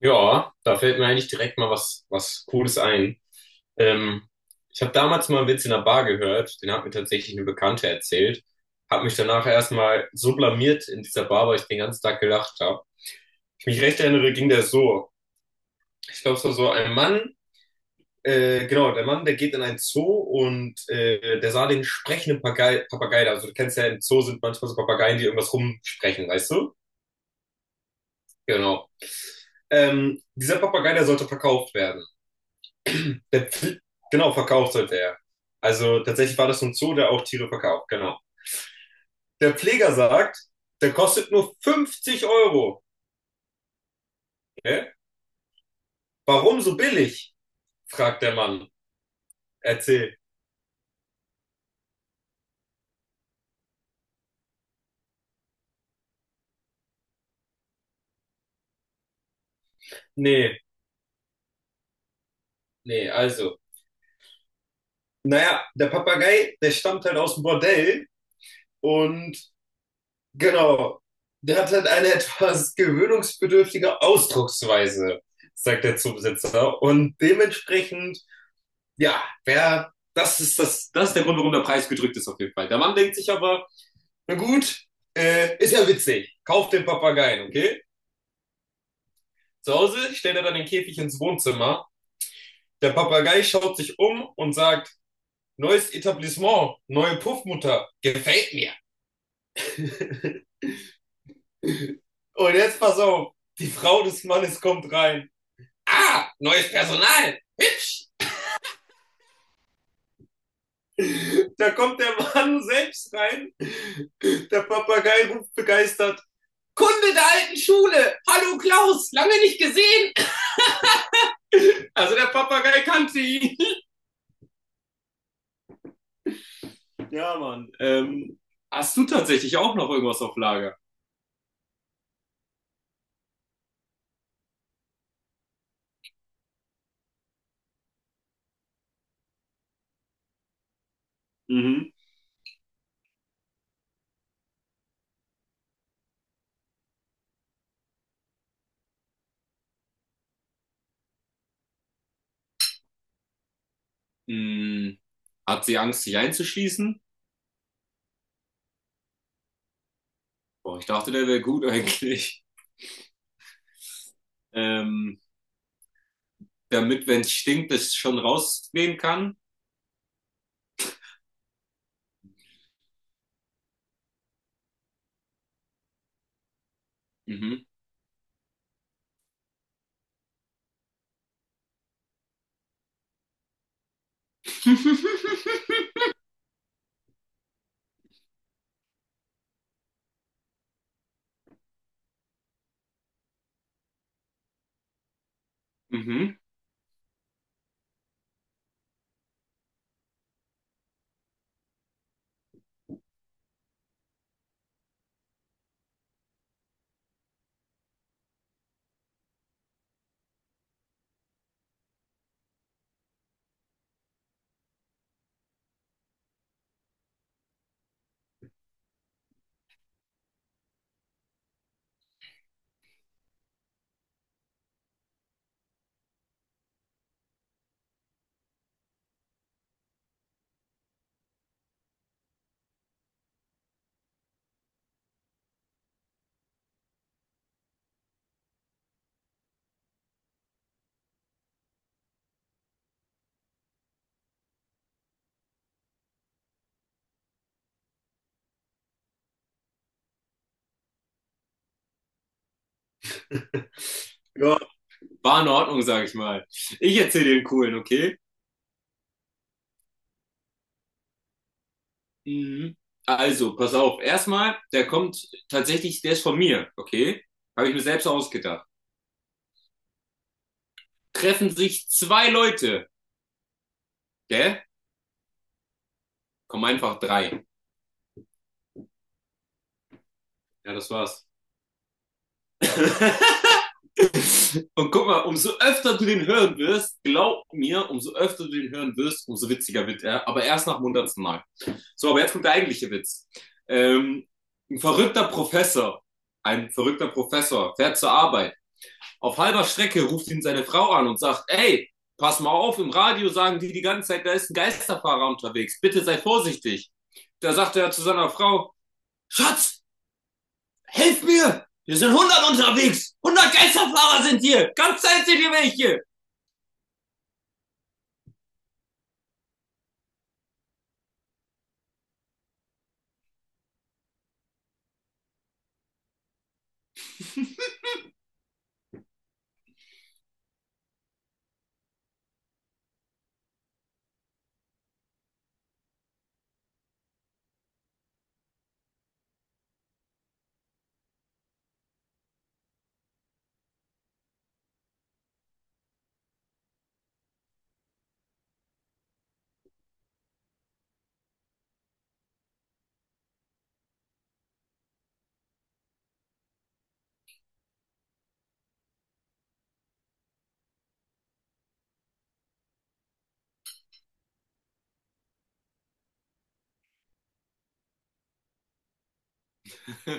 Ja, da fällt mir eigentlich direkt mal was, Cooles ein. Ähm, Ich habe damals mal einen Witz in der Bar gehört, den hat mir tatsächlich eine Bekannte erzählt, habe mich danach erstmal so blamiert in dieser Bar, weil ich den ganzen Tag gelacht habe. Ich mich recht erinnere, ging der so. Ich glaube, es war so ein Mann, genau, der Mann, der geht in einen Zoo und der sah den sprechenden Papagei da. Also du kennst ja, im Zoo sind manchmal so Papageien, die irgendwas rumsprechen, weißt du? Genau. Dieser Papagei, der sollte verkauft werden. Der, Pfle- genau, verkauft sollte er. Also tatsächlich war das so ein Zoo, der auch Tiere verkauft, genau. Der Pfleger sagt, der kostet nur 50 Euro. Hä? Warum so billig?, fragt der Mann. Erzähl. Nee, nee, also. Naja, der Papagei, der stammt halt aus dem Bordell und genau, der hat halt eine etwas gewöhnungsbedürftige Ausdrucksweise, sagt der Zoobesitzer. Und dementsprechend, ja, wer, das ist der Grund, warum der Preis gedrückt ist auf jeden Fall. Der Mann denkt sich aber, na gut, ist ja witzig. Kauft den Papageien, okay? Zu Hause stellt er dann den Käfig ins Wohnzimmer. Der Papagei schaut sich um und sagt, neues Etablissement, neue Puffmutter, gefällt mir. Und jetzt pass auf, die Frau des Mannes kommt rein. Ah, neues Personal. Da kommt der Mann selbst rein. Der Papagei ruft begeistert, Kunde der alten Schule. Hallo Klaus, lange nicht gesehen. Also der Papagei kannte ihn. Ja, Mann. Hast du tatsächlich auch noch irgendwas auf Lager? Mhm. Hm, hat sie Angst, sich einzuschließen? Boah, ich dachte, der wäre gut eigentlich. Ähm, Damit, wenn es stinkt, es schon rausgehen kann. Mhm. Mhm. War in Ordnung, sag ich mal. Ich erzähle den coolen, okay? Mhm. Also, pass auf. Erstmal, der kommt tatsächlich, der ist von mir, okay? Habe ich mir selbst ausgedacht. Treffen sich zwei Leute, gell? Kommen einfach drei. Ja, das war's. Und guck mal, umso öfter du den hören wirst, glaub mir, umso öfter du den hören wirst, umso witziger wird er. Aber erst nach dem 100. Mal. So, aber jetzt kommt der eigentliche Witz. Ähm, ein verrückter Professor, ein verrückter Professor fährt zur Arbeit. Auf halber Strecke ruft ihn seine Frau an und sagt, ey, pass mal auf, im Radio sagen die ganze Zeit, da ist ein Geisterfahrer unterwegs, bitte sei vorsichtig. Da sagt er zu seiner Frau, Schatz, helf mir, hier sind 100 unterwegs, 100 Geisterfahrer sind hier, ganz Zeit sind hier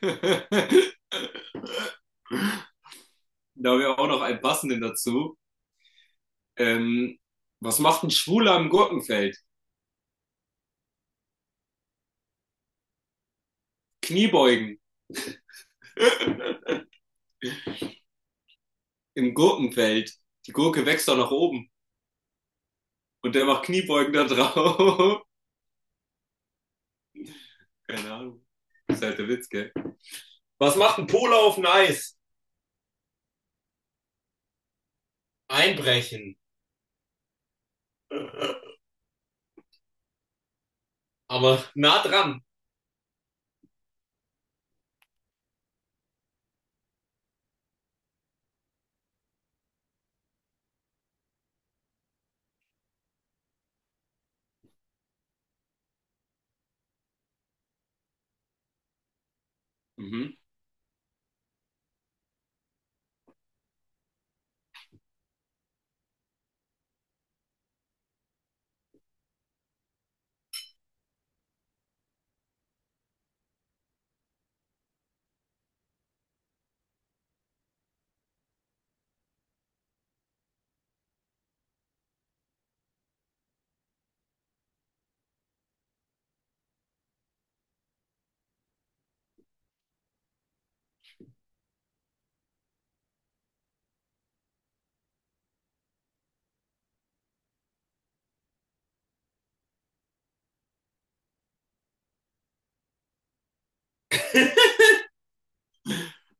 welche. Da wäre auch noch ein passenden dazu. Ähm, Was macht ein Schwuler im Gurkenfeld? Kniebeugen. Im Gurkenfeld. Die Gurke wächst doch nach oben. Und der macht Kniebeugen da drauf. Keine Ahnung. Das ist halt der Witz, gell? Was macht ein Pole auf dem Eis? Einbrechen. Aber nah dran. Mhm.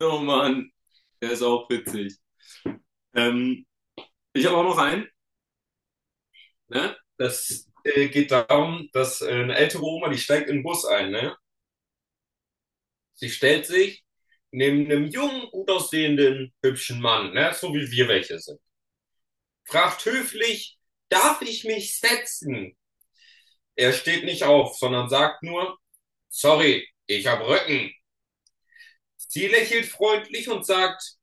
Oh Mann, der ist auch witzig. Ähm, Ich habe auch noch einen, ne? Das geht darum, dass eine ältere Oma, die steigt in den Bus ein, ne? Sie stellt sich neben einem jungen, gut aussehenden, hübschen Mann, ne? So wie wir welche sind. Fragt höflich, darf ich mich setzen? Er steht nicht auf, sondern sagt nur, sorry, ich hab Rücken. Sie lächelt freundlich und sagt,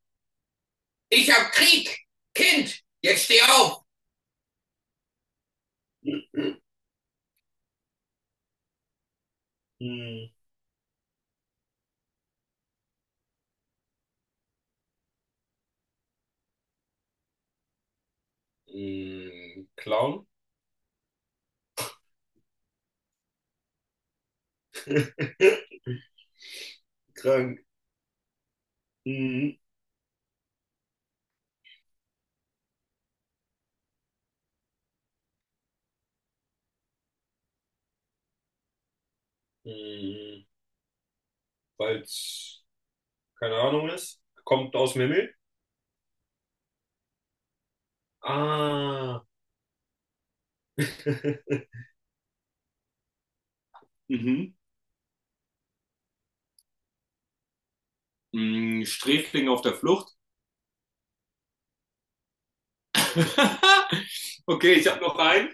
ich hab Krieg! Kind, jetzt steh auf! Hm. Hm, Clown? Krank. Hm. Hm, weil's keine Ahnung ist. Kommt aus dem Himmel. Ah. Mhm. Hm, Sträfling auf der Flucht. Okay, ich hab noch einen.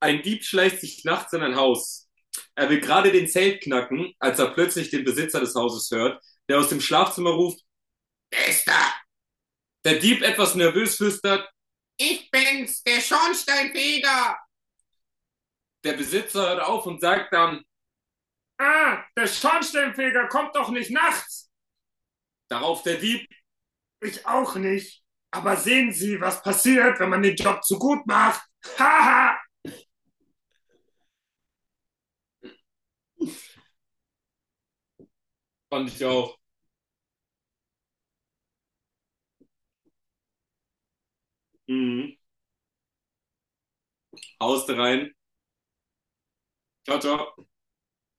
Ein Dieb schleicht sich nachts in ein Haus. Er will gerade den Zelt knacken, als er plötzlich den Besitzer des Hauses hört, der aus dem Schlafzimmer ruft. Bester! Der Dieb etwas nervös flüstert, ich bin's, der Schornsteinfeger! Der Besitzer hört auf und sagt dann, ah, der Schornsteinfeger kommt doch nicht nachts. Darauf der Dieb, ich auch nicht. Aber sehen Sie, was passiert, wenn man den Job zu gut macht. Haha. Fand ich auch, mhm. Hauste rein, ciao, ciao.